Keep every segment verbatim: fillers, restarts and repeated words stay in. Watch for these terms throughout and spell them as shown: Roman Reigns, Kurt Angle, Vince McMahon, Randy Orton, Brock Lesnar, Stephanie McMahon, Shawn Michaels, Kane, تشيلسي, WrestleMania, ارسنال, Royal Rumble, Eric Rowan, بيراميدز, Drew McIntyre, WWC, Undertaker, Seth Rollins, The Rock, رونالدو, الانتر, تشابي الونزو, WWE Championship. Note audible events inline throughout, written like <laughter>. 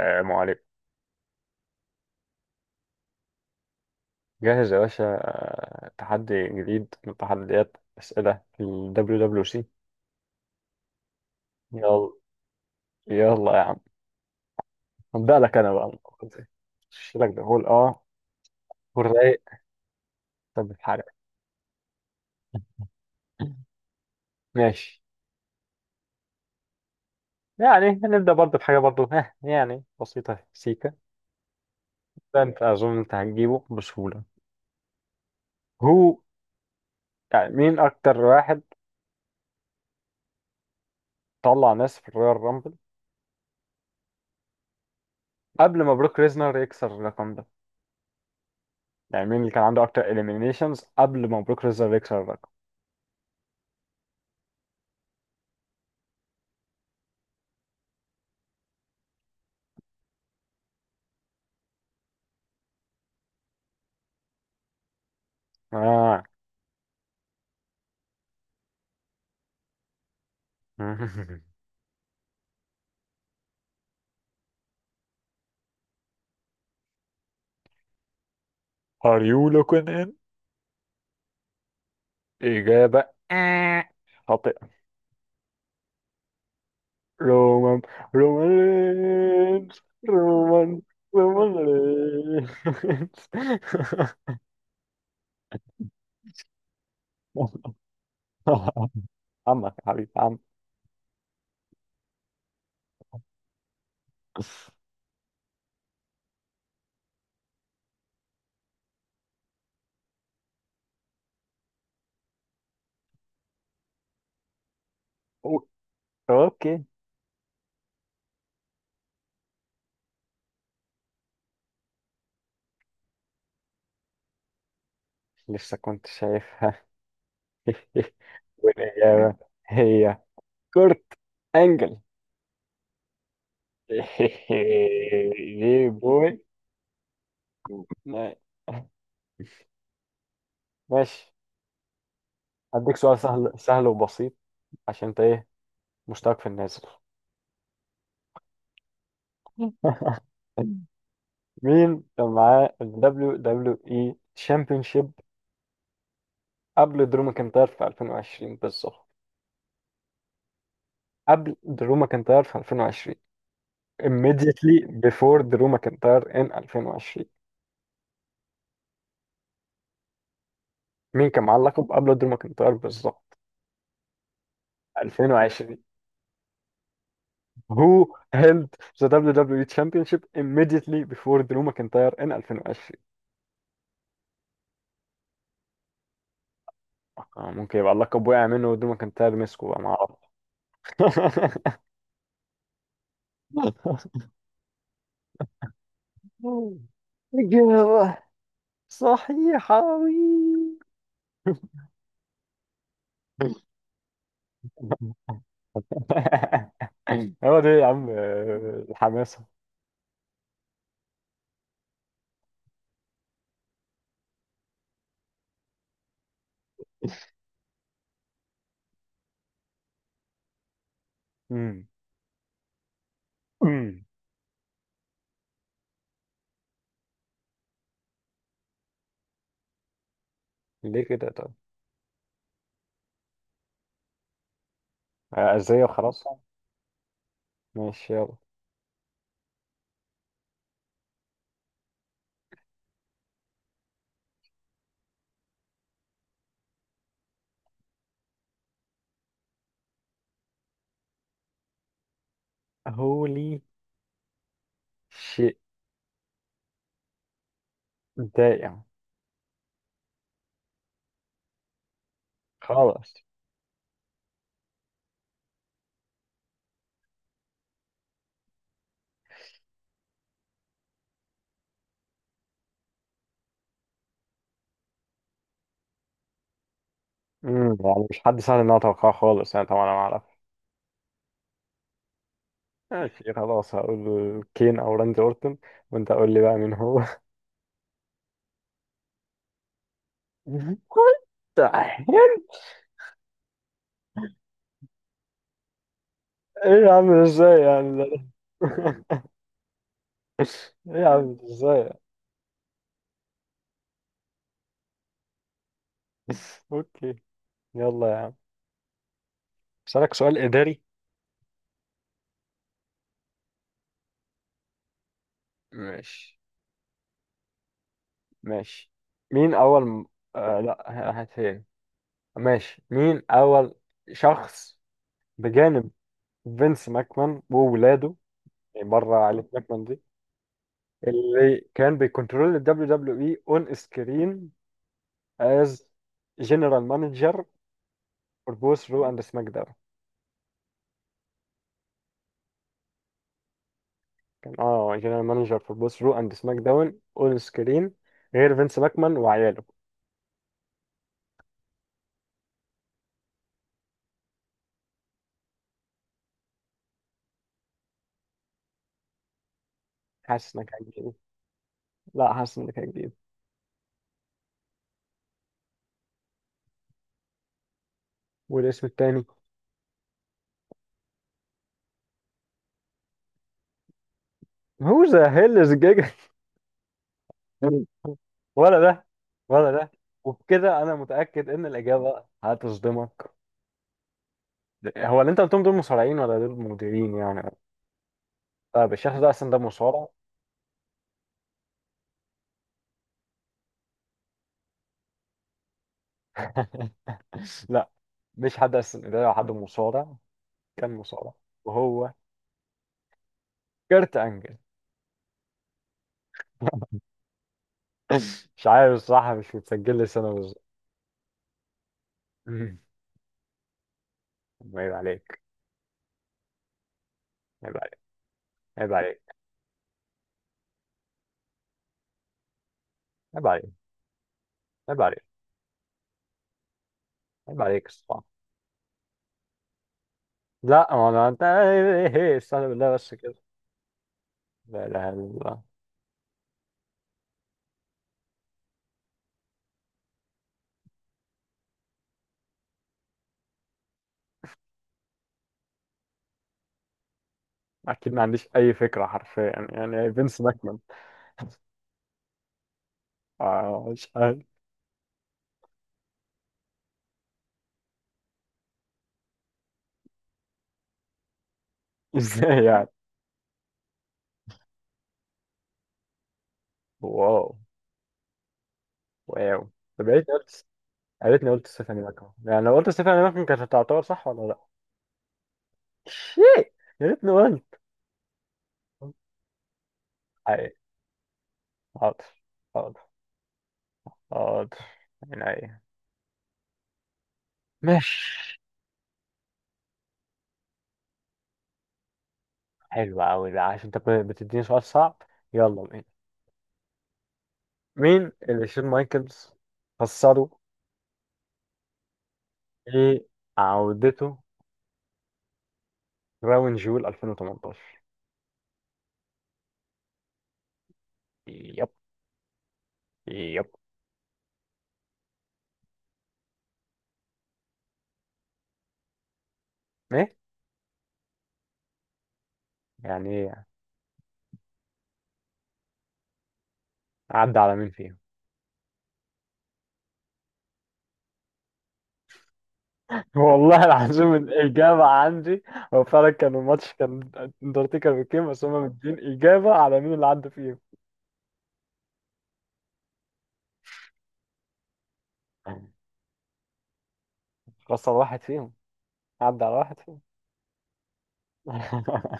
آه، عليك جاهز يا باشا، آه، تحدي جديد من تحديات أسئلة في ال دبليو دبليو سي. يلا يلا يا عم. هبدأ لك أنا بقى شيلك ده هول. أه والرايق. طب الحرق؟ ماشي. يعني هنبدأ برضه بحاجة برضه، ها، يعني بسيطة سيكة. ده أنت أظن أنت هتجيبه بسهولة. هو يعني مين أكتر واحد طلع ناس في الرويال رامبل قبل ما بروك ريزنر يكسر الرقم ده؟ يعني مين اللي كان عنده أكتر إليمينيشنز قبل ما بروك ريزنر يكسر الرقم؟ آه <laughs> Are you looking in؟ إجابة. آه. خاطئة. رومان، رومان رينز. رومان، رومان رينز. <laughs> عمك يا حبيبي عم. أو- أوكي. لسه كنت شايفها. <laughs> والإجابة هي كورت أنجل. <laughs> دي بوي. ماشي. هديك سؤال سهل سهل وبسيط عشان انت ايه، مشترك في النازل. <laughs> مين كان معاه ال دبليو دبليو إي Championship قبل درو ماكنتاير في ألفين وعشرين بالظبط؟ قبل درو ماكنتاير في ألفين وعشرين. Immediately before درو ماكنتاير in ألفين وعشرين. مين كان معاه اللقب قبل درو ماكنتاير بالظبط ألفين وعشرين؟ Who held the دبليو دبليو إي Championship immediately before درو ماكنتاير in ألفين وعشرين؟ آه، ممكن يبقى اللقب وقع منه ودرو ماكنتاير مسكه بقى، ما اعرف. <laughs> مم. إجابة صحيحة. <laughs> وي. هو ده يا عم، آه، الحماسة. مم. مم. ليه كده طب؟ أزاي وخلاص. ماشي، يلا. هولي شيء دائم. خلاص. مم. يعني مش حد سهل إن أنا أتوقعه خالص، أنا طبعا أنا ما أعرف. ماشي خلاص، هقول كين أو راندي أورتون، وأنت قول لي بقى مين هو. <laughs> كنت عين. إيه يا عم، إزاي يعني ده؟ <laughs> <laughs> ايه يا عم، ازاي؟ <laughs> اوكي. يلا يا عم، اسالك سؤال اداري؟ ماشي، ماشي. مين اول م... آه لا، هات هي. ماشي. مين اول شخص بجانب فينس ماكمان وولاده، يعني بره عائلة ماكمان دي، اللي كان بيكنترول ال دبليو دبليو إي اون سكرين از جنرال مانجر فور بوث رو اند سماك داون؟ كان اه جنرال مانجر فور بوث رو اند سماك داون اون سكرين غير فينس ماكمان وعياله. حاسس انك هتجيبه. لا، حاسس انك هتجيبه. والاسم التاني هو ذا هيل از جيجا؟ <laughs> ولا ده، ولا ده. وبكده انا متاكد ان الاجابه هتصدمك. هو اللي انت قلتهم دول مصارعين ولا دول مديرين يعني؟ طيب الشخص ده اصلا ده مصارع؟ <laughs> لا، مش حد، اصلا ده حد مصارع. كان مصارع. وهو كرت انجل. <laughs> مش عارف الصراحه، مش متسجل لي سنه بالظبط. <laughs> عيب عليك. عيب عليك. عيب عليك. عيب عليك. عيب عليك. عيب عليك الصراحه. لا ما انا، انت ايه إيه، إيه، استهلا بالله بس كده. لا اله الا الله. اكيد ما عنديش اي فكره حرفيا، يعني فينس ماكمان، آه، مش عارف. <laughs> ازاي يعني؟ واو واو. طب يا ريتني قلت يا ريتني قلت ستيفاني ماكمان. يعني لو قلت ستيفاني ماكمان كانت هتعتبر صح ولا لا؟ شيء. يا ريتني قلت. اي، حاضر، حاضر، حاضر. يعني اي، ماشي. حلو قوي بقى عشان انت بتديني سؤال صعب. يلا بينا. مين اللي شون مايكلز خسره ايه عودته راون جول ألفين وتمنتاشر؟ يب، يب. ايه يعني ايه؟ عدى على مين فيهم؟ <laughs> والله العظيم، الإجابة عندي. هو فعلا كان الماتش، كان اندرتيكر بكام، بس هما مدين إجابة على مين اللي عدى فيهم. خسر واحد فيهم. عدى على واحد فيهم. <laughs>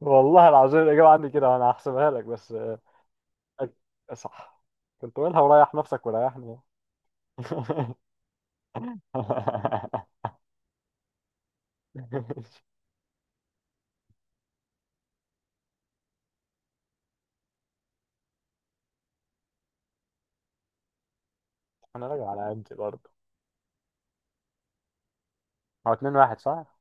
والله العظيم، الإجابة عندي كده وأنا هحسبها لك، بس آه، صح. كنت قولها وريح نفسك وريحني. <laughs> أنا راجع على قدي برضه. هو اتنين واحد صح؟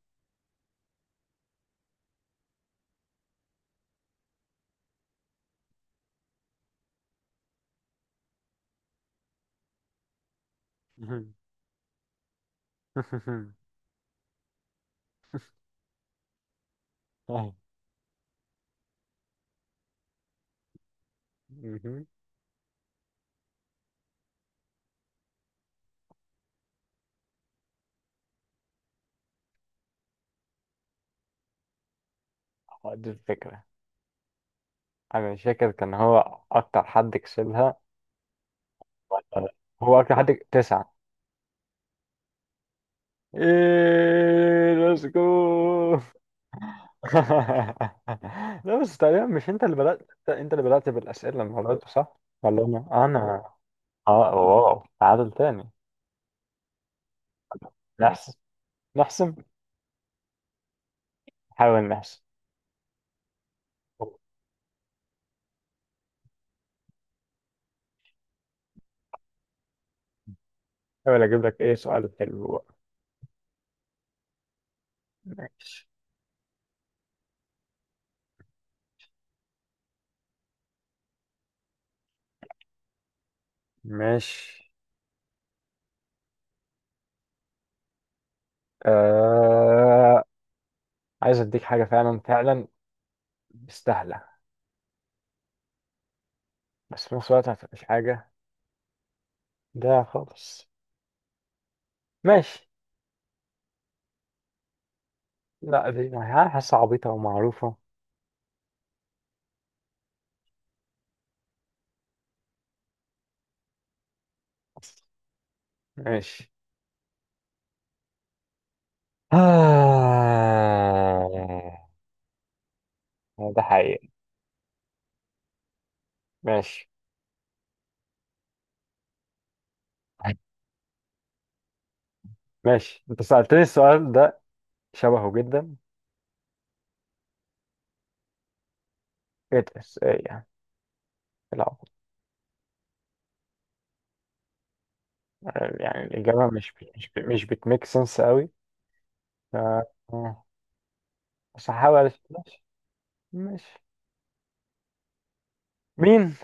مهم. <laughs> أيوة. مهم. هو دي الفكرة. أنا مش فاكر كان هو أكتر حد كسبها ولا لأ. هو أكتر حد، تسعة. إيه، ليتس جو. <laughs> لا بس تقريبا، مش أنت اللي بدأت؟ أنت اللي بدأت بالأسئلة المرة دي صح؟ ولا أنا؟ أنا. أه واو، تعادل تاني. نحسم. نحسم. نحاول نحسم. حاول أجيب لك إيه سؤال حلو بقى. ماشي. ماشي. آه... عايز اديك حاجه فعلا فعلا مستاهله، بس في نفس الوقت ما تبقاش حاجه ده خالص. ماشي. لا، دي ها- حاسه عبيطه ومعروفه. ماشي. آه، ده حقيقي. ماشي. ماشي انت سألتني السؤال ده، شبهه جدا. ايه ده؟ إيه يعني؟ لا. يعني الإجابة مش مش مش بتميك سنس قوي. ف، بس هحاول أش- ماشي. ماشي. مين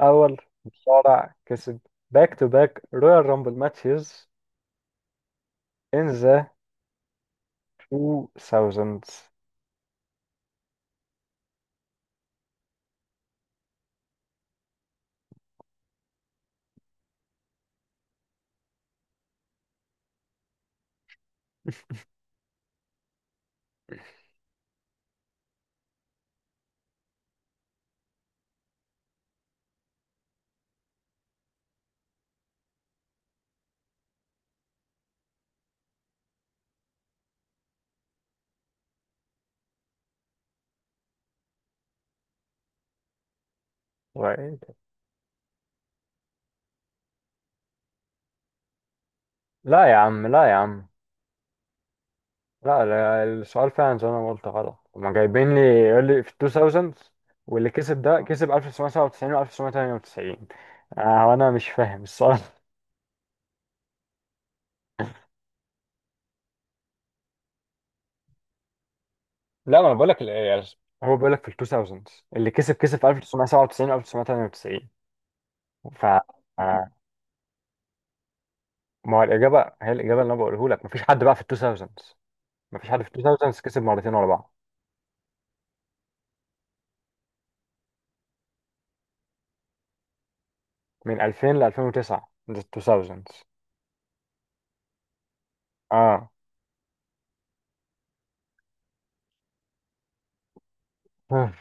أول مصارع كسب باك تو باك رويال رامبل ماتشز in the الألفينات؟ Right. لا يا عم، لا يا عم. لا، لا، السؤال فعلا زي ما أنا قلت غلط، هما جايبين لي يقول لي في الألفينات واللي كسب ده كسب ألف وتسعمية سبعة وتسعين و ألف وتسعمية تمنية وتسعين. آه، وأنا مش فاهم السؤال. <laughs> لا، ما انا بقول لك ال- هو بيقول لك في ال الألفينات اللي كسب كسب في ألف وتسعمية سبعة وتسعين و ألف وتسعمية تمنية وتسعين. ف، آه، ما هو الإجابة هي الإجابة اللي أنا بقوله لك، مفيش حد بقى في ال الألفينات، مفيش حد في ال الألفينات كسب مرتين ورا بعض. من ألفين ل ألفين وتسعة ده ال الألفينات. آه. آه،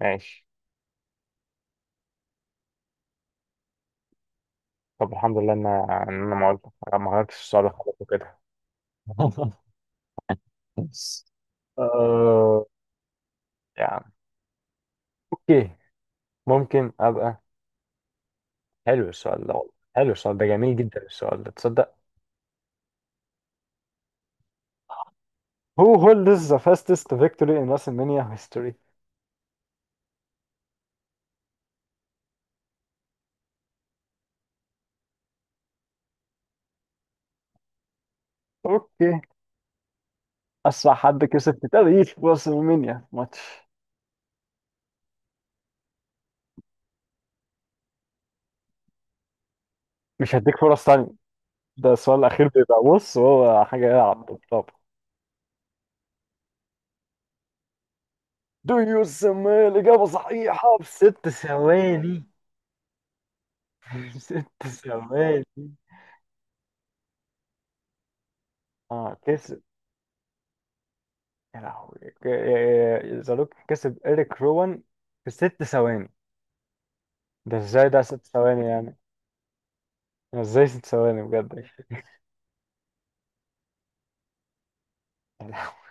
ماشي. طب الحمد لله إن إن أنا ما قلت، ما غيرتش السؤال خالص وكده. <laughs> آه يعني أوكي، ممكن أبقى. حلو السؤال ده والله، حلو السؤال ده، جميل جدا السؤال ده، تصدق؟ Who holds the fastest victory in WrestleMania history؟ أوكي. أسرع حد كسب في تاريخ WrestleMania ماتش. مش هديك فرص تانية. ده السؤال الأخير، بيبقى بص هو حاجة إيه، على الطبطاب. Do you smell إجابة صحيحة بست ثواني. <laughs> ست ثواني. اه، كسب يا لهوي، ك- آه، زالوك كسب إيريك روان في ست ثواني. ده ازاي ده ست ثواني يعني؟ أنا ازاي ست ثواني بجد؟ يا لهوي.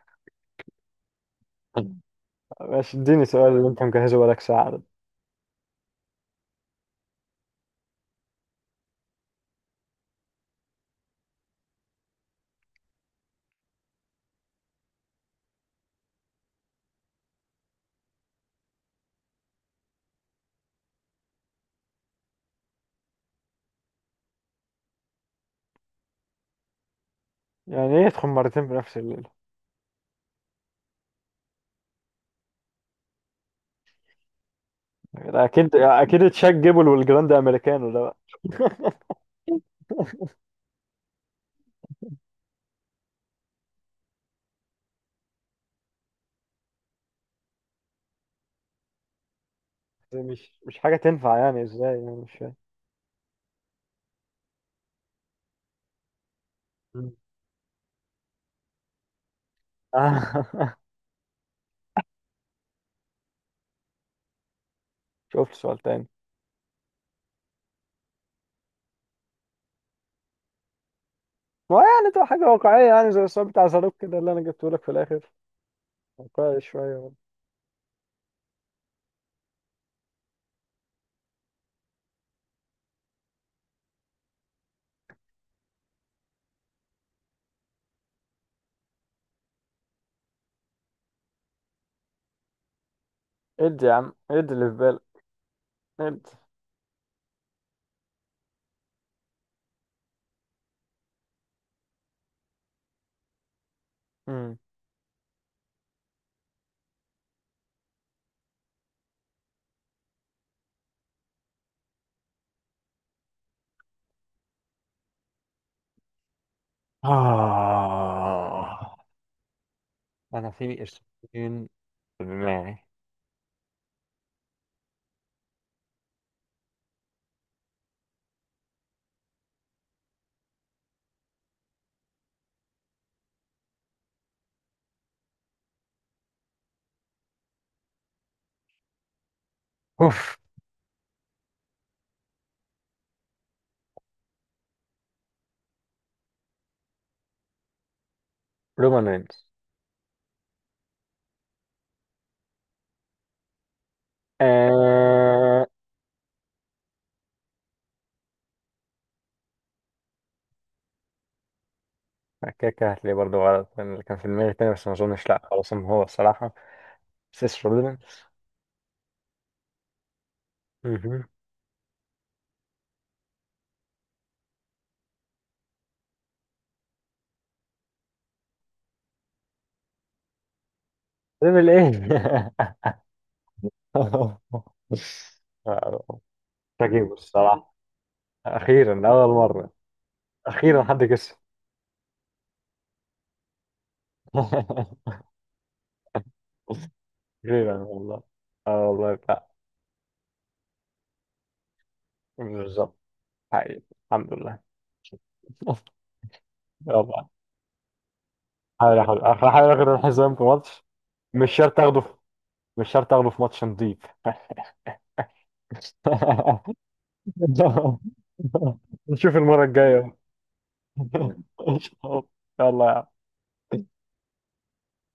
ماشي، اديني سؤال اللي انت مجهزه بقالك ساعة ده. يعني ايه يدخل مرتين في نفس الليلة؟ ده اكيد اكيد تشاك جيبل والجراند امريكانو ده بقى. مش مش حاجة تنفع. يعني ازاي يعني؟ مش فاهم آه. <laughs> شفت سؤال تاني. ما هو يعني تبقى حاجة واقعية، يعني زي السؤال بتاع صاروخ كده اللي أنا جبته لك في الآخر. واقعي شوية. ادي يا عم، ادي اللي في بالك. ادي. مم. آه أنا في اسمين في دماغي. أوف. رومان رينز. آه كده كده هتلاقيه برضه غلط، لأن اللي كان في دماغي تاني، بس ما أظنش، لأ خلاص إن هو الصراحة سيس رولينز. مهم. ليفل إيه؟ <laughs> آه، مش. هجيبه الصراحة. اخيرا اول مره. اخيرا حد كسب. <laughs> اخيرا والله. اه والله، لا. بالظبط. حقيقي. الحمد لله. <laughs> يلا. هحاول اخد. هحاول اخد الحزام في ماتش. مش شرط اخده في... مش شرط اخده في ماتش نضيف. <laughs> نشوف المره الجايه. <laughs> إن شاء الله. يلا يا عم.